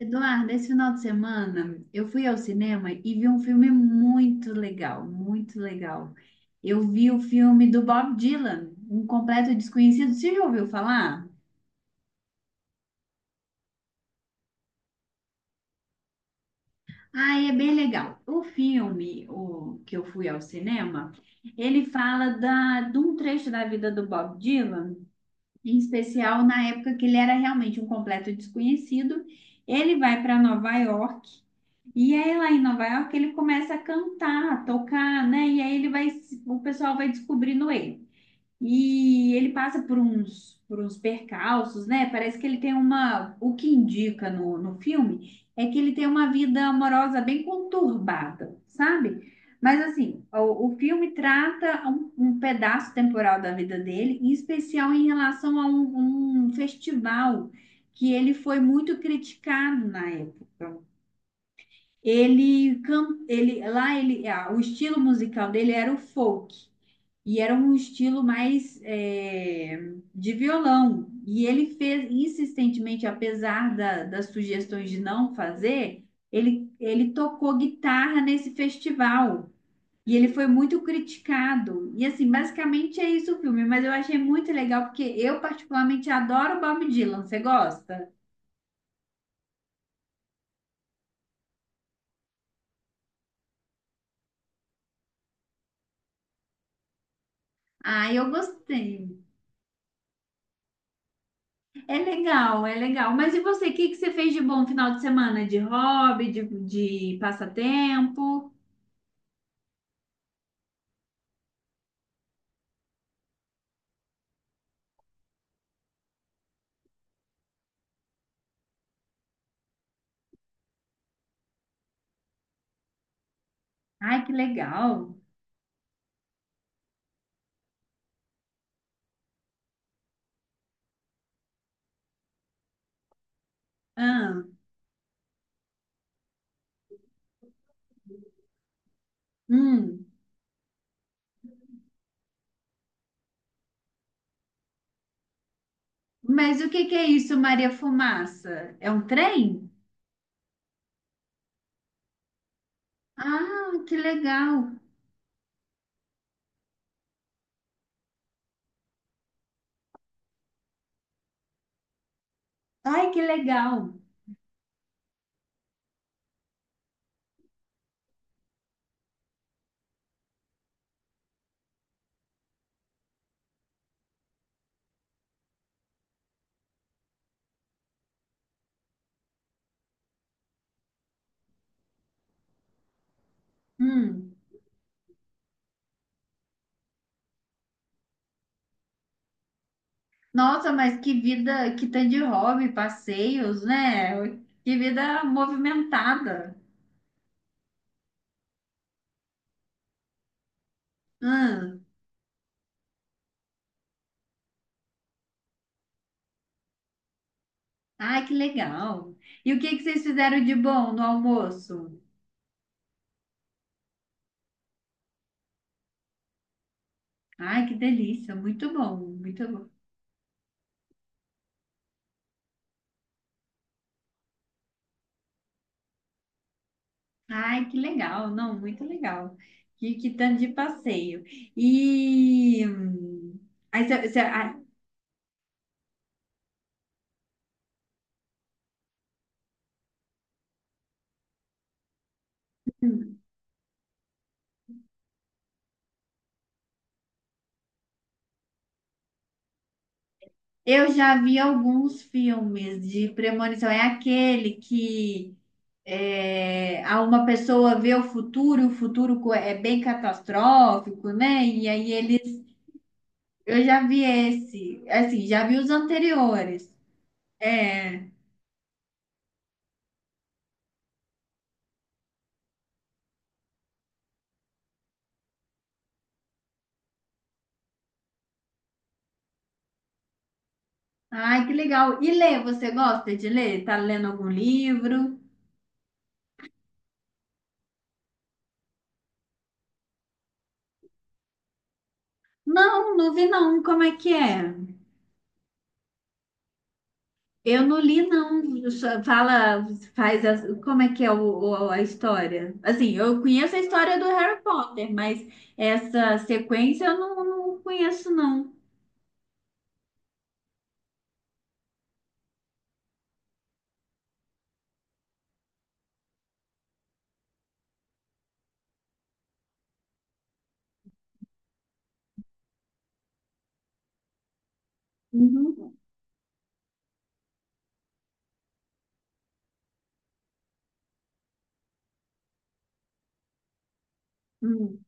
Eduardo, esse final de semana eu fui ao cinema e vi um filme muito legal, muito legal. Eu vi o filme do Bob Dylan, Um Completo Desconhecido. Você já ouviu falar? Ah, é bem legal. O filme, o que eu fui ao cinema, ele fala de um trecho da vida do Bob Dylan, em especial na época que ele era realmente um completo desconhecido. Ele vai para Nova York. E aí lá em Nova York ele começa a cantar, a tocar, né? E aí ele vai, se- o pessoal vai descobrindo ele. E ele passa por uns percalços, né? Parece que o que indica no filme é que ele tem uma vida amorosa bem conturbada, sabe? Mas assim, o filme trata um pedaço temporal da vida dele, em especial em relação a um festival que ele foi muito criticado na época. Ele, can- ele lá ele, ah, O estilo musical dele era o folk e era um estilo mais de violão. E ele fez insistentemente, apesar das sugestões de não fazer, ele tocou guitarra nesse festival. E ele foi muito criticado. E assim, basicamente é isso o filme, mas eu achei muito legal porque eu particularmente adoro Bob Dylan. Você gosta? Ah, eu gostei. É legal, é legal. Mas e você, o que que você fez de bom final de semana? De hobby, de passatempo? Ai, que legal. Ah, hum. Mas o que que é isso, Maria Fumaça? É um trem? Ah, que legal. Ai, que legal. Hum. Nossa, mas que vida, que tanto de hobby, passeios, né? Que vida movimentada. Hum. Ai, que legal. E o que que vocês fizeram de bom no almoço? Ai, que delícia, muito bom, muito bom. Ai, que legal, não, muito legal. Que tanto de passeio. E aí, cê- cê- ah, Eu já vi alguns filmes de premonição. É aquele que a uma pessoa vê o futuro, é bem catastrófico, né? Eu já vi esse, assim, já vi os anteriores. É. Ai, que legal. E ler, você gosta de ler? Tá lendo algum livro? Não, não vi não. Como é que é? Eu não li não. Só fala, faz as... como é que é o- a história? Assim, eu conheço a história do Harry Potter, mas essa sequência eu não, não conheço não. Uhum. Hum.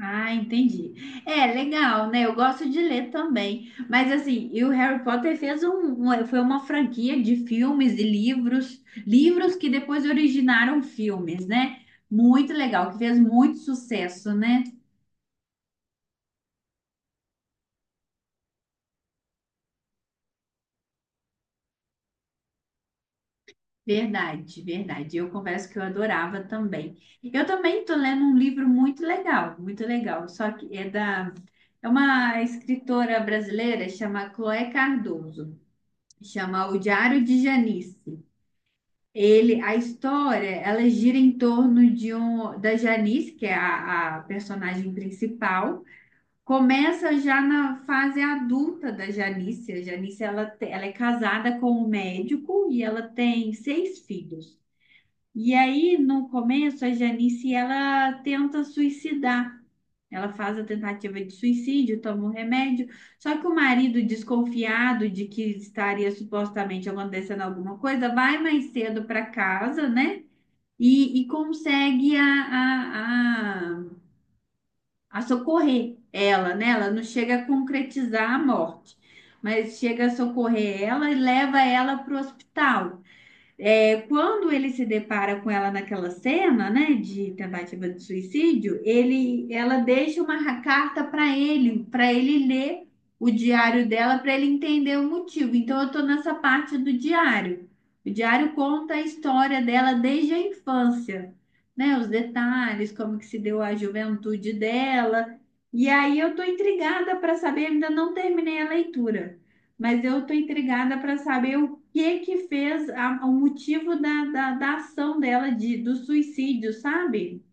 Ah, entendi. É, legal, né? Eu gosto de ler também. Mas assim, e o Harry Potter fez foi uma franquia de filmes e livros, livros que depois originaram filmes, né? Muito legal, que fez muito sucesso, né? Verdade, verdade. Eu confesso que eu adorava também. Eu também tô lendo um livro muito legal, muito legal. Só que é da É uma escritora brasileira, chama Chloé Cardoso. Chama O Diário de Janice. Ele, a história, ela gira em torno da Janice, que é a personagem principal. Começa já na fase adulta da Janice. A Janice, ela é casada com um médico e ela tem seis filhos. E aí, no começo, a Janice, ela tenta suicidar. Ela faz a tentativa de suicídio, toma um remédio. Só que o marido, desconfiado de que estaria supostamente acontecendo alguma coisa, vai mais cedo para casa, né? E consegue a socorrer ela, né? Ela não chega a concretizar a morte, mas chega a socorrer ela e leva ela para o hospital. É, quando ele se depara com ela naquela cena, né, de tentativa de suicídio, ela deixa uma carta para ele ler o diário dela, para ele entender o motivo. Então, eu estou nessa parte do diário. O diário conta a história dela desde a infância, né, os detalhes, como que se deu a juventude dela. E aí eu estou intrigada para saber, ainda não terminei a leitura, mas eu estou intrigada para saber o que que o motivo da ação dela do suicídio, sabe?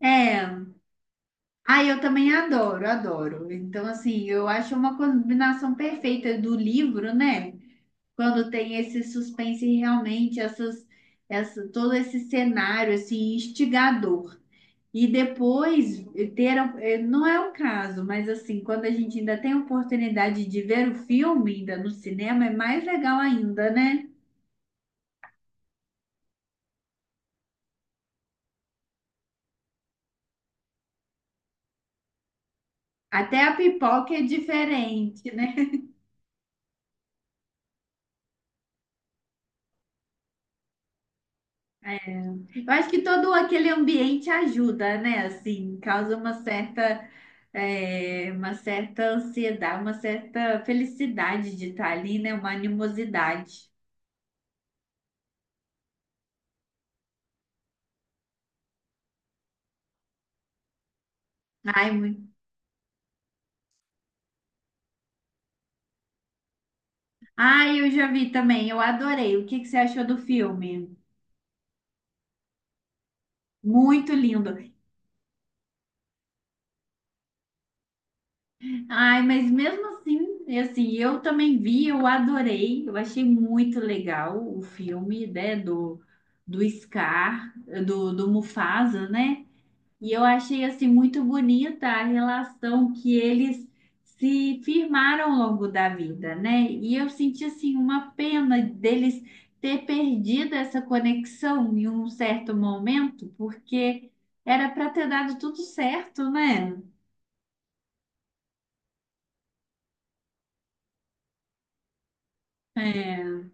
É. Ah, eu também adoro, adoro. Então, assim, eu acho uma combinação perfeita do livro, né? Quando tem esse suspense e realmente, todo esse cenário, assim, instigador. E depois não é o caso, mas assim, quando a gente ainda tem a oportunidade de ver o filme ainda no cinema, é mais legal ainda, né? Até a pipoca é diferente, né? Eu acho que todo aquele ambiente ajuda, né? Assim, causa uma certa, uma certa ansiedade, uma certa felicidade de estar ali, né? Uma animosidade. Ai, muito... Ai, eu já vi também, eu adorei. O que que você achou do filme? Muito lindo. Ai, mas mesmo assim, e assim, eu também vi, eu adorei, eu achei muito legal o filme, né, do Scar, do Mufasa, né? E eu achei, assim, muito bonita a relação que eles se firmaram ao longo da vida, né? E eu senti, assim, uma pena deles ter perdido essa conexão em um certo momento, porque era para ter dado tudo certo, né? É,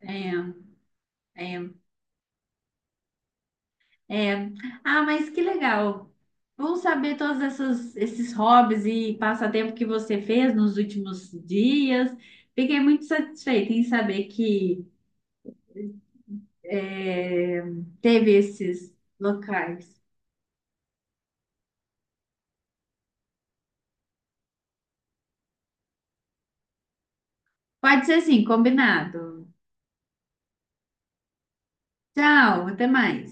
é. É. É. Ah, mas que legal. Bom saber esses hobbies e passatempo que você fez nos últimos dias. Fiquei muito satisfeita em saber que é, teve esses locais. Pode ser assim, combinado. Tchau, até mais.